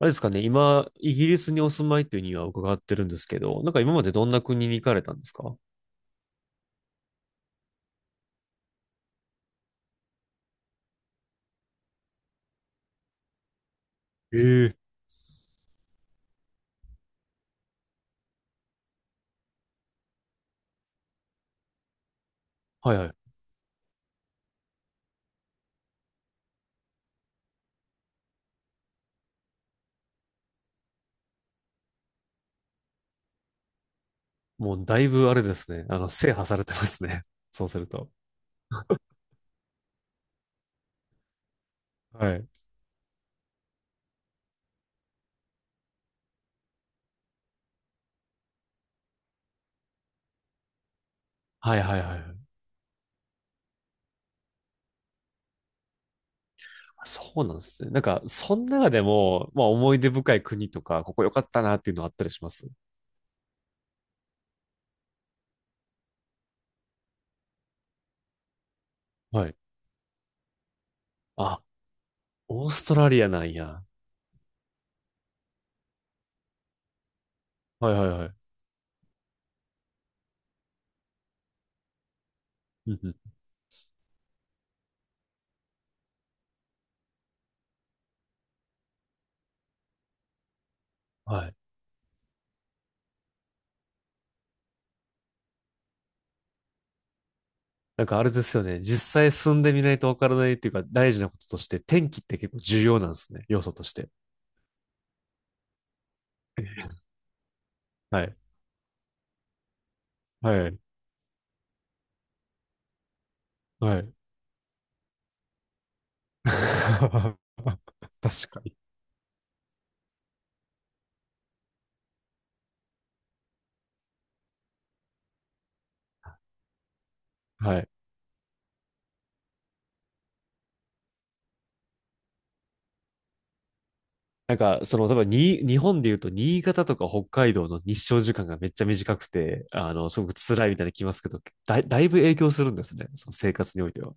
あれですかね、今、イギリスにお住まいというには伺ってるんですけど、なんか今までどんな国に行かれたんですか？ええ、はいはい。もうだいぶあれですね。制覇されてますね。そうすると。はい。はいはいはいはい。そうなんですね。なんか、その中でも、まあ思い出深い国とか、ここ良かったなっていうのあったりします？はい。あ、オーストラリアなんや。はいはいはい。うんうん。はい。なんかあれですよね。実際住んでみないとわからないっていうか、大事なこととして、天気って結構重要なんですね。要素として。はい。はい。はい。確かに。はい。なんか、多分に、日本で言うと、新潟とか北海道の日照時間がめっちゃ短くて、すごく辛いみたいなの聞きますけど、だいぶ影響するんですね。その生活においては。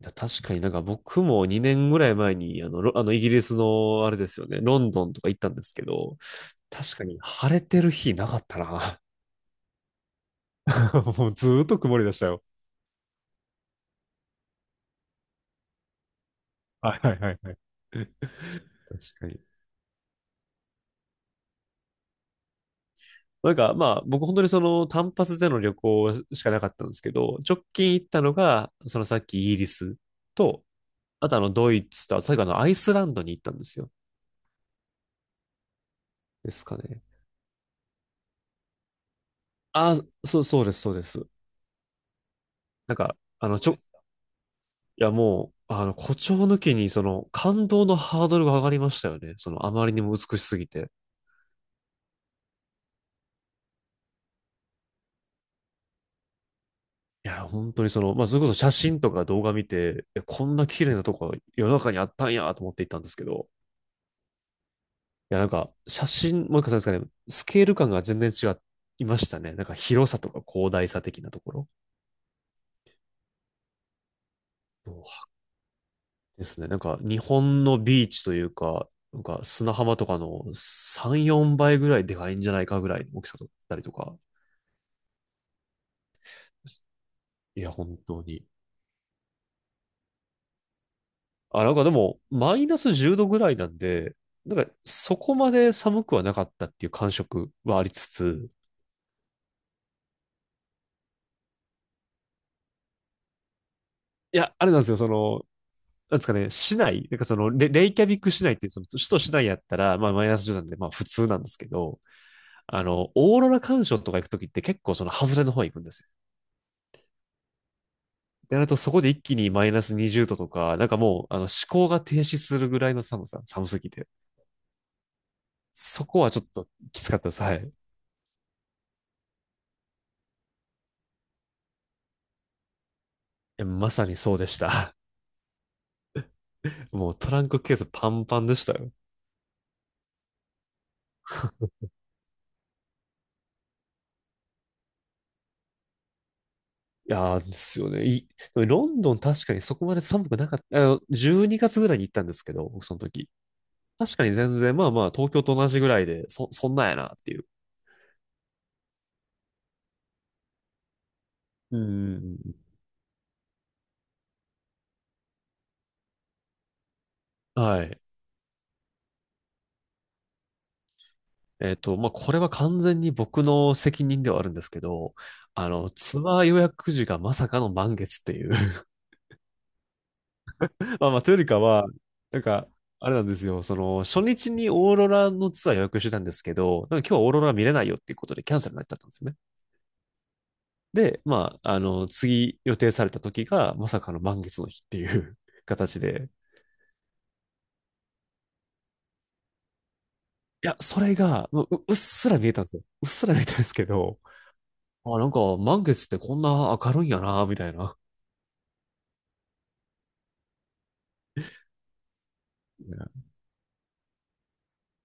確かになんか僕も2年ぐらい前に、あの、ロあの、イギリスの、あれですよね、ロンドンとか行ったんですけど、確かに晴れてる日なかったな。もうずーっと曇りでしたよ。はいはいはいはい。確かに。なんかまあ僕本当に単発での旅行しかなかったんですけど、直近行ったのが、さっきイギリスと、あとドイツと、最後アイスランドに行ったんですよ。ですかね。ああ、そうです、そうです。なんか、いやもう、誇張抜きに感動のハードルが上がりましたよね。あまりにも美しすぎて。いや、本当にまあ、それこそ写真とか動画見て、こんな綺麗なとこ世の中にあったんやと思って行ったんですけど、や、なんか、写真、もう一回そうですかね、スケール感が全然違いましたね。なんか広さとか広大さ的なところですね。なんか、日本のビーチというか、なんか砂浜とかの3、4倍ぐらいでかいんじゃないかぐらいの大きさだったりとか。いや、本当に。あ、なんかでも、マイナス10度ぐらいなんで、なんか、そこまで寒くはなかったっていう感触はありつつ、いや、あれなんですよ、なんですかね、市内、なんかレイキャビック市内っていう、その首都市内やったら、まあマイナス10なんで、まあ普通なんですけど、オーロラ鑑賞とか行くときって結構その外れの方へ行くんですよ。で、なるとそこで一気にマイナス20度とか、なんかもう、思考が停止するぐらいの寒さ、寒すぎて。そこはちょっときつかったです。はい。まさにそうでした。もうトランクケースパンパンでしたよ。いやーですよね。でもロンドン確かにそこまで寒くなかった。12月ぐらいに行ったんですけど、僕その時。確かに全然、まあまあ、東京と同じぐらいで、そんなんやなっていう。うん。はい。まあ、これは完全に僕の責任ではあるんですけど、ツアー予約時がまさかの満月っていう。まあまあ、というよりかは、なんか、あれなんですよ、初日にオーロラのツアー予約してたんですけど、なんか今日はオーロラ見れないよっていうことでキャンセルになっちゃったんですよね。で、まあ、次予定された時がまさかの満月の日っていう 形で、いや、それが、もう、ううっすら見えたんですよ。うっすら見えたんですけど、あ、なんか、満月ってこんな明るいんやな、みたいな。ね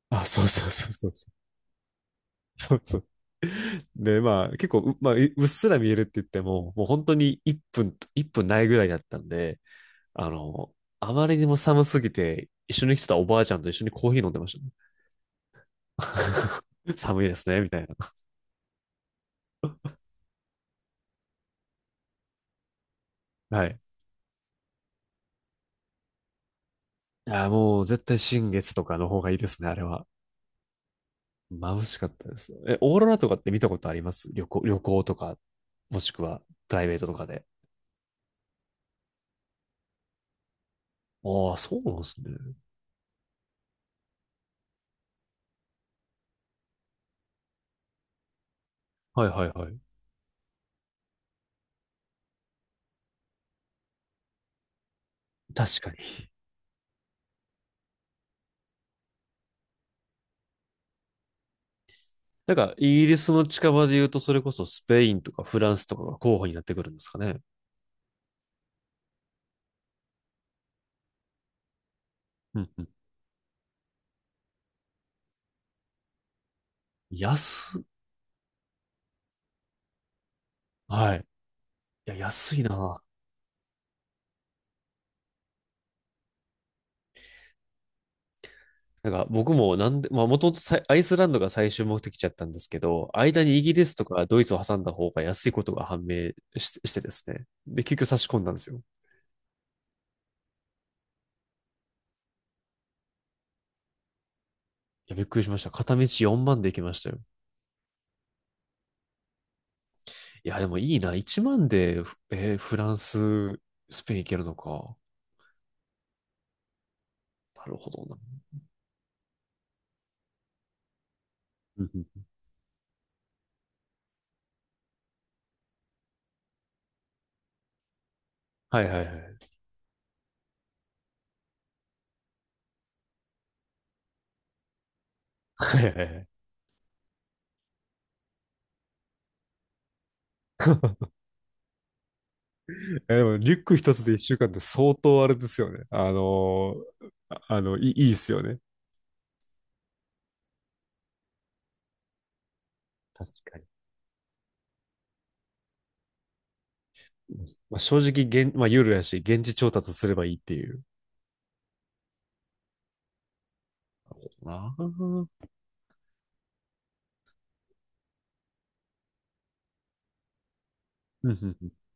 あ、そうそうそうそうそう。そうそう。で、まあ、結構う、まあ、ううっすら見えるって言っても、もう本当に1分と、分ないぐらいだったんで、あの、あまりにも寒すぎて、一緒に来てたおばあちゃんと一緒にコーヒー飲んでましたね。寒いですね、みたいな。はい。いや、もう絶対新月とかの方がいいですね、あれは。眩しかったです。オーロラとかって見たことあります？旅行とか、もしくはプライベートとかで。ああ、そうなんですね。はいはいはい。確かに。なんか、イギリスの近場で言うと、それこそスペインとかフランスとかが候補になってくるんですかね。うんうん。安っ、はい。いや、安いな。なんか、僕もなんで、まあ、もともとさいアイスランドが最終目的地だったんですけど、間にイギリスとかドイツを挟んだ方が安いことが判明し、してですね。で、結局差し込んだんですよ。や、びっくりしました。片道4万で行きましたよ。いや、でもいいな。1万で、フランス、スペイン行けるのか。なるほどな。うんうんはいはいはい。はいはいはい。でも、リュック一つで一週間って相当あれですよね。いいっすよね。確かに。まあ、正直、まあ、ユやし、現地調達すればいいっていう。ああ。うんうん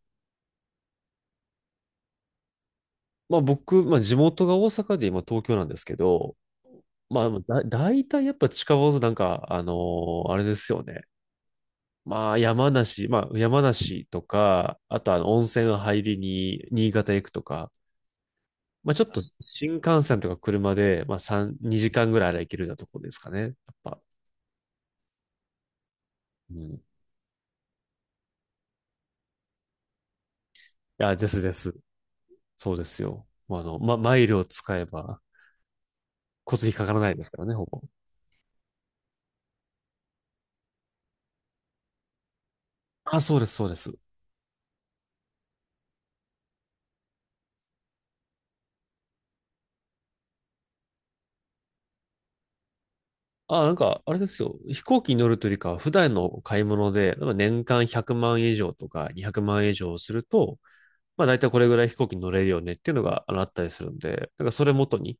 まあ僕、まあ地元が大阪で今東京なんですけど、まあ、大体やっぱ近場のなんか、あれですよね。まあ、山梨とか、あと温泉入りに、新潟行くとか、まあ、ちょっと新幹線とか車で、まあ、3、2時間ぐらいあれば行けるようなところですかね。やっぱ。うん。いや、ですです。そうですよ。まあ、マイルを使えば、交通費かからないですからね、ほぼ。あ、そうです、そうです。あ、なんか、あれですよ。飛行機に乗るというよりかは、普段の買い物で、なんか年間100万円以上とか200万円以上すると、まあ大体これぐらい飛行機に乗れるよねっていうのがあったりするんで、だからそれ元に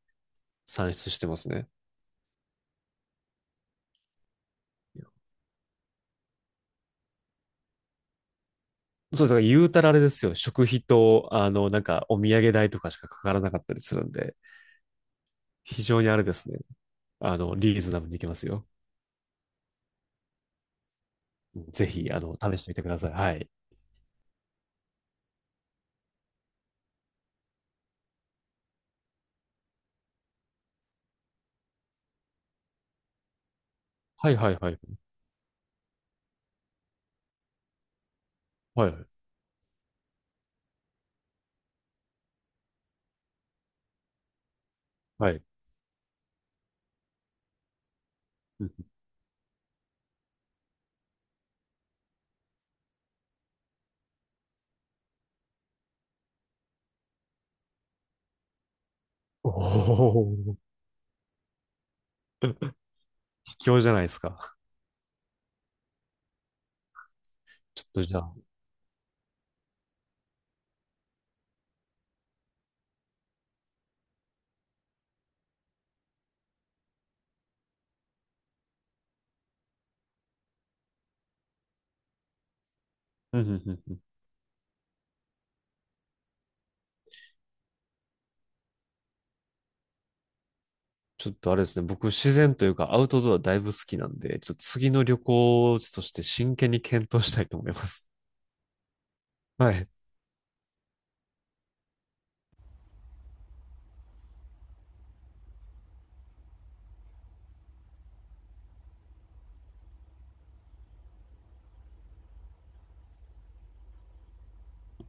算出してますね。そうです。だから言うたらあれですよ。食費と、なんかお土産代とかしかかからなかったりするんで、非常にあれですね。リーズナブルにいけますよ。うんぜひ、試してみてください。はい。はいはいはい。はいはい。はい。うんおお、卑怯じゃないですか。ちょっとじゃあ。うんうんうんちょっとあれですね、僕自然というかアウトドアだいぶ好きなんで、ちょっと次の旅行地として真剣に検討したいと思います。はい。